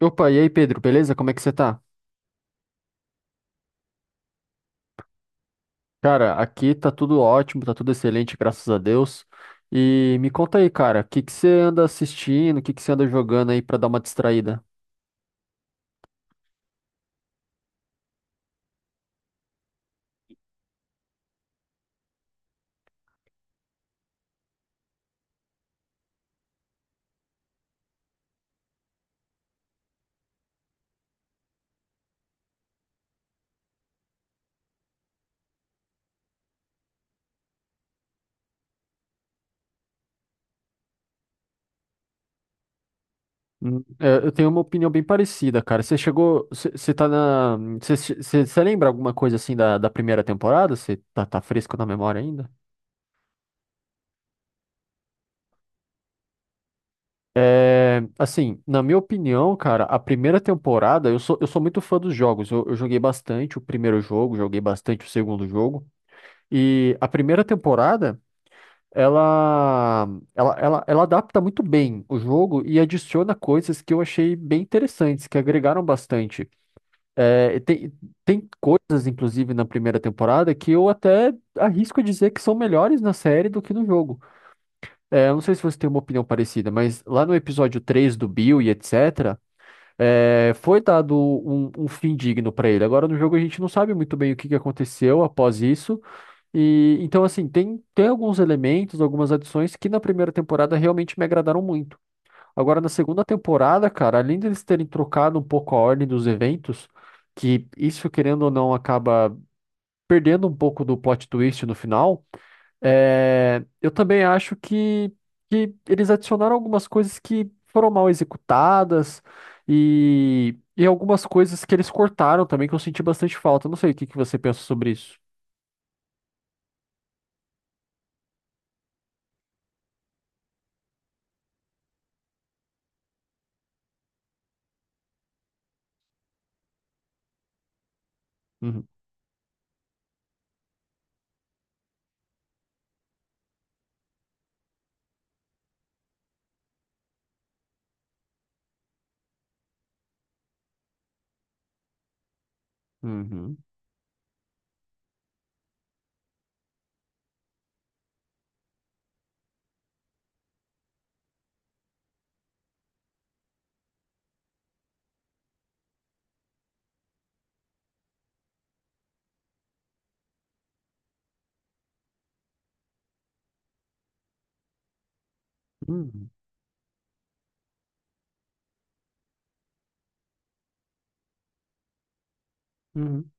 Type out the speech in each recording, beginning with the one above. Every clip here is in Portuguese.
Opa, e aí, Pedro, beleza? Como é que você tá? Cara, aqui tá tudo ótimo, tá tudo excelente, graças a Deus. E me conta aí, cara, o que que você anda assistindo, o que que você anda jogando aí pra dar uma distraída? É, eu tenho uma opinião bem parecida, cara. Você você lembra alguma coisa assim da primeira temporada? Você tá fresco na memória ainda? É, assim, na minha opinião, cara, a primeira temporada, eu sou muito fã dos jogos. Eu joguei bastante o primeiro jogo, joguei bastante o segundo jogo. E a primeira temporada, ela, ela adapta muito bem o jogo e adiciona coisas que eu achei bem interessantes, que agregaram bastante. É, tem coisas, inclusive, na primeira temporada que eu até arrisco dizer que são melhores na série do que no jogo. É, eu não sei se você tem uma opinião parecida, mas lá no episódio 3 do Bill e etc., é, foi dado um fim digno pra ele. Agora no jogo a gente não sabe muito bem o que que aconteceu após isso. E então, assim, tem alguns elementos, algumas adições que na primeira temporada realmente me agradaram muito. Agora na segunda temporada, cara, além deles terem trocado um pouco a ordem dos eventos, que isso, querendo ou não, acaba perdendo um pouco do plot twist no final. É, eu também acho que eles adicionaram algumas coisas que foram mal executadas e algumas coisas que eles cortaram também que eu senti bastante falta. Não sei o que que você pensa sobre isso. Uhum, uhum, uhum, uhum,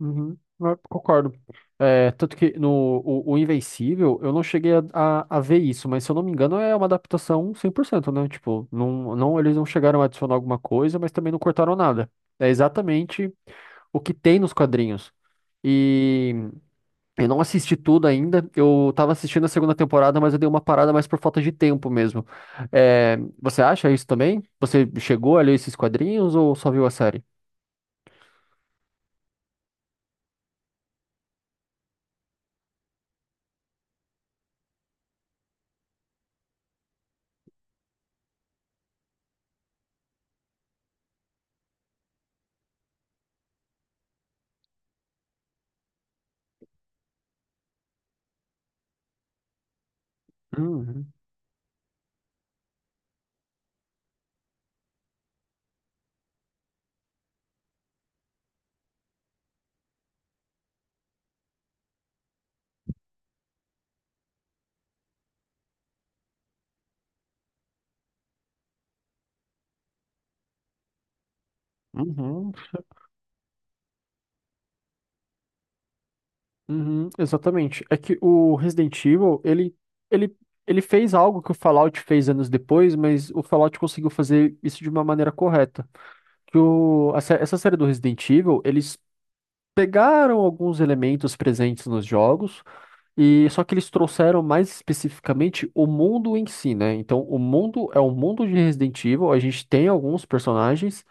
uhum. Eu concordo. É, tanto que no o Invencível eu não cheguei a ver isso, mas se eu não me engano é uma adaptação 100%, né? Tipo, não, não, eles não chegaram a adicionar alguma coisa, mas também não cortaram nada. É exatamente o que tem nos quadrinhos. E eu não assisti tudo ainda. Eu tava assistindo a segunda temporada, mas eu dei uma parada mais por falta de tempo mesmo. É, você acha isso também? Você chegou a ler esses quadrinhos ou só viu a série? Uhum, uhum, uhum, exatamente. É que o Resident Evil, ele, ele fez algo que o Fallout fez anos depois, mas o Fallout conseguiu fazer isso de uma maneira correta. Que essa série do Resident Evil, eles pegaram alguns elementos presentes nos jogos. E só que eles trouxeram mais especificamente o mundo em si, né? Então, o mundo é um mundo de Resident Evil, a gente tem alguns personagens,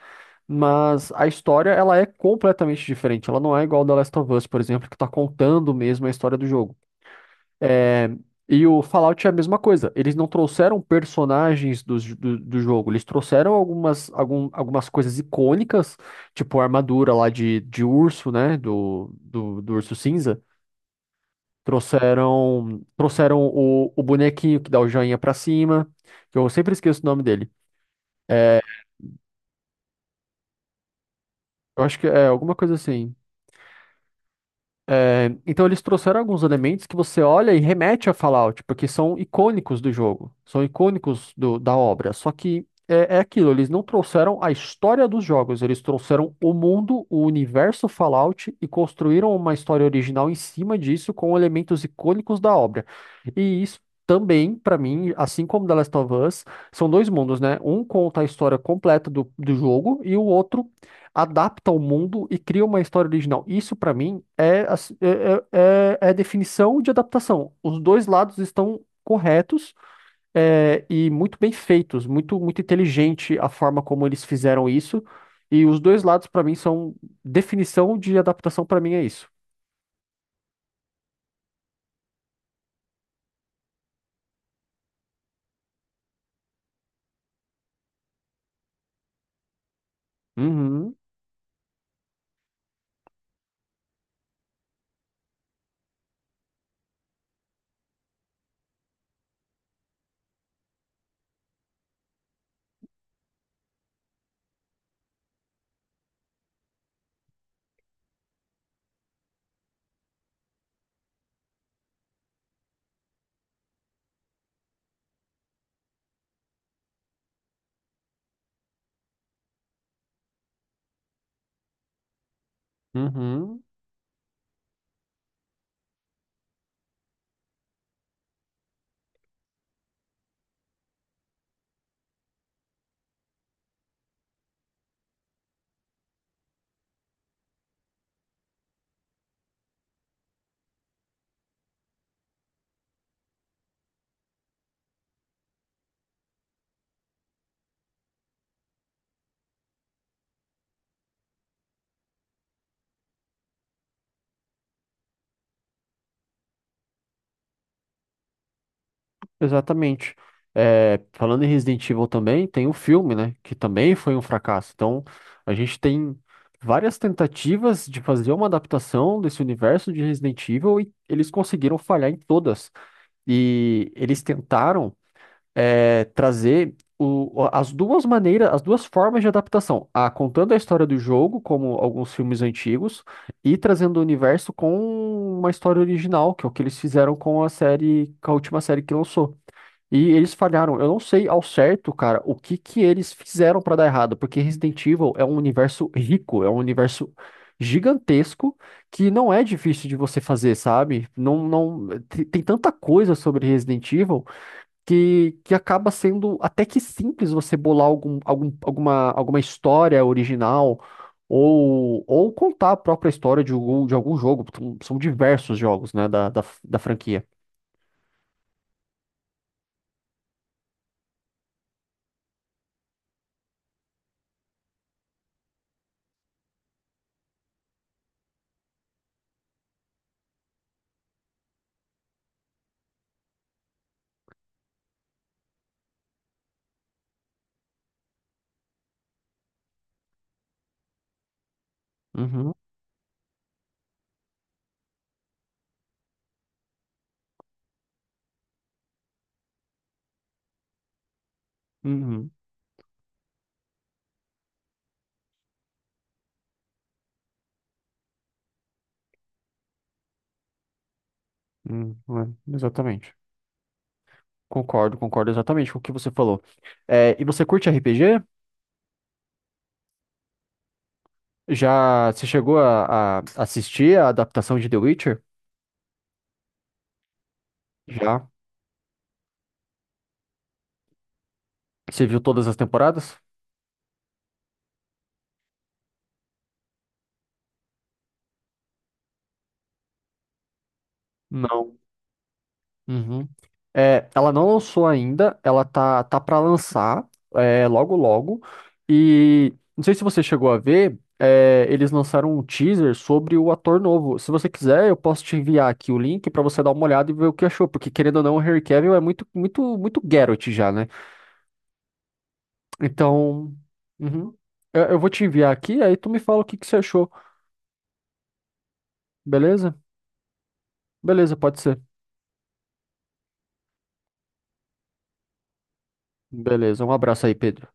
mas a história ela é completamente diferente. Ela não é igual The Last of Us, por exemplo, que tá contando mesmo a história do jogo. É, e o Fallout é a mesma coisa. Eles não trouxeram personagens do jogo, eles trouxeram algumas coisas icônicas, tipo a armadura lá de urso, né? Do urso cinza. Trouxeram o bonequinho que dá o joinha pra cima, que eu sempre esqueço o nome dele. Eu acho que é alguma coisa assim. É, então eles trouxeram alguns elementos que você olha e remete a Fallout, porque são icônicos do jogo, são icônicos da obra. Só que é aquilo, eles não trouxeram a história dos jogos, eles trouxeram o mundo, o universo Fallout e construíram uma história original em cima disso com elementos icônicos da obra. E isso também, pra mim, assim como The Last of Us, são dois mundos, né? Um conta a história completa do jogo e o outro adapta ao mundo e cria uma história original. Isso, pra mim, é, a s- é, é, é a definição de adaptação. Os dois lados estão corretos, é, e muito bem feitos, muito, muito inteligente a forma como eles fizeram isso. E os dois lados, pra mim, são definição de adaptação, pra mim, é isso. Uhum, uhum. Exatamente. É, falando em Resident Evil também, tem o filme, né? Que também foi um fracasso. Então, a gente tem várias tentativas de fazer uma adaptação desse universo de Resident Evil e eles conseguiram falhar em todas. E eles tentaram, é, trazer as duas maneiras, as duas formas de adaptação. A contando a história do jogo, como alguns filmes antigos, e trazendo o universo com uma história original, que é o que eles fizeram com a série, com a última série que lançou. E eles falharam. Eu não sei ao certo, cara, o que que eles fizeram pra dar errado, porque Resident Evil é um universo rico, é um universo gigantesco que não é difícil de você fazer, sabe? Não, não tem tanta coisa sobre Resident Evil que acaba sendo até que simples você bolar alguma história original ou contar a própria história de algum jogo. São diversos jogos, né, da franquia. Uhum, uhum. Hum, é, exatamente. Concordo, concordo exatamente com o que você falou. É, e você curte RPG? Já você chegou a assistir a adaptação de The Witcher? Já? Você viu todas as temporadas? Não. Uhum. É, ela não lançou ainda, ela tá para lançar logo logo. E não sei se você chegou a ver, é, eles lançaram um teaser sobre o ator novo. Se você quiser, eu posso te enviar aqui o link pra você dar uma olhada e ver o que achou, porque querendo ou não, o Henry Cavill é muito, muito, muito Geralt já, né? Então, uhum. Eu vou te enviar aqui, aí tu me fala o que que você achou, beleza? Beleza, pode ser. Beleza, um abraço aí, Pedro.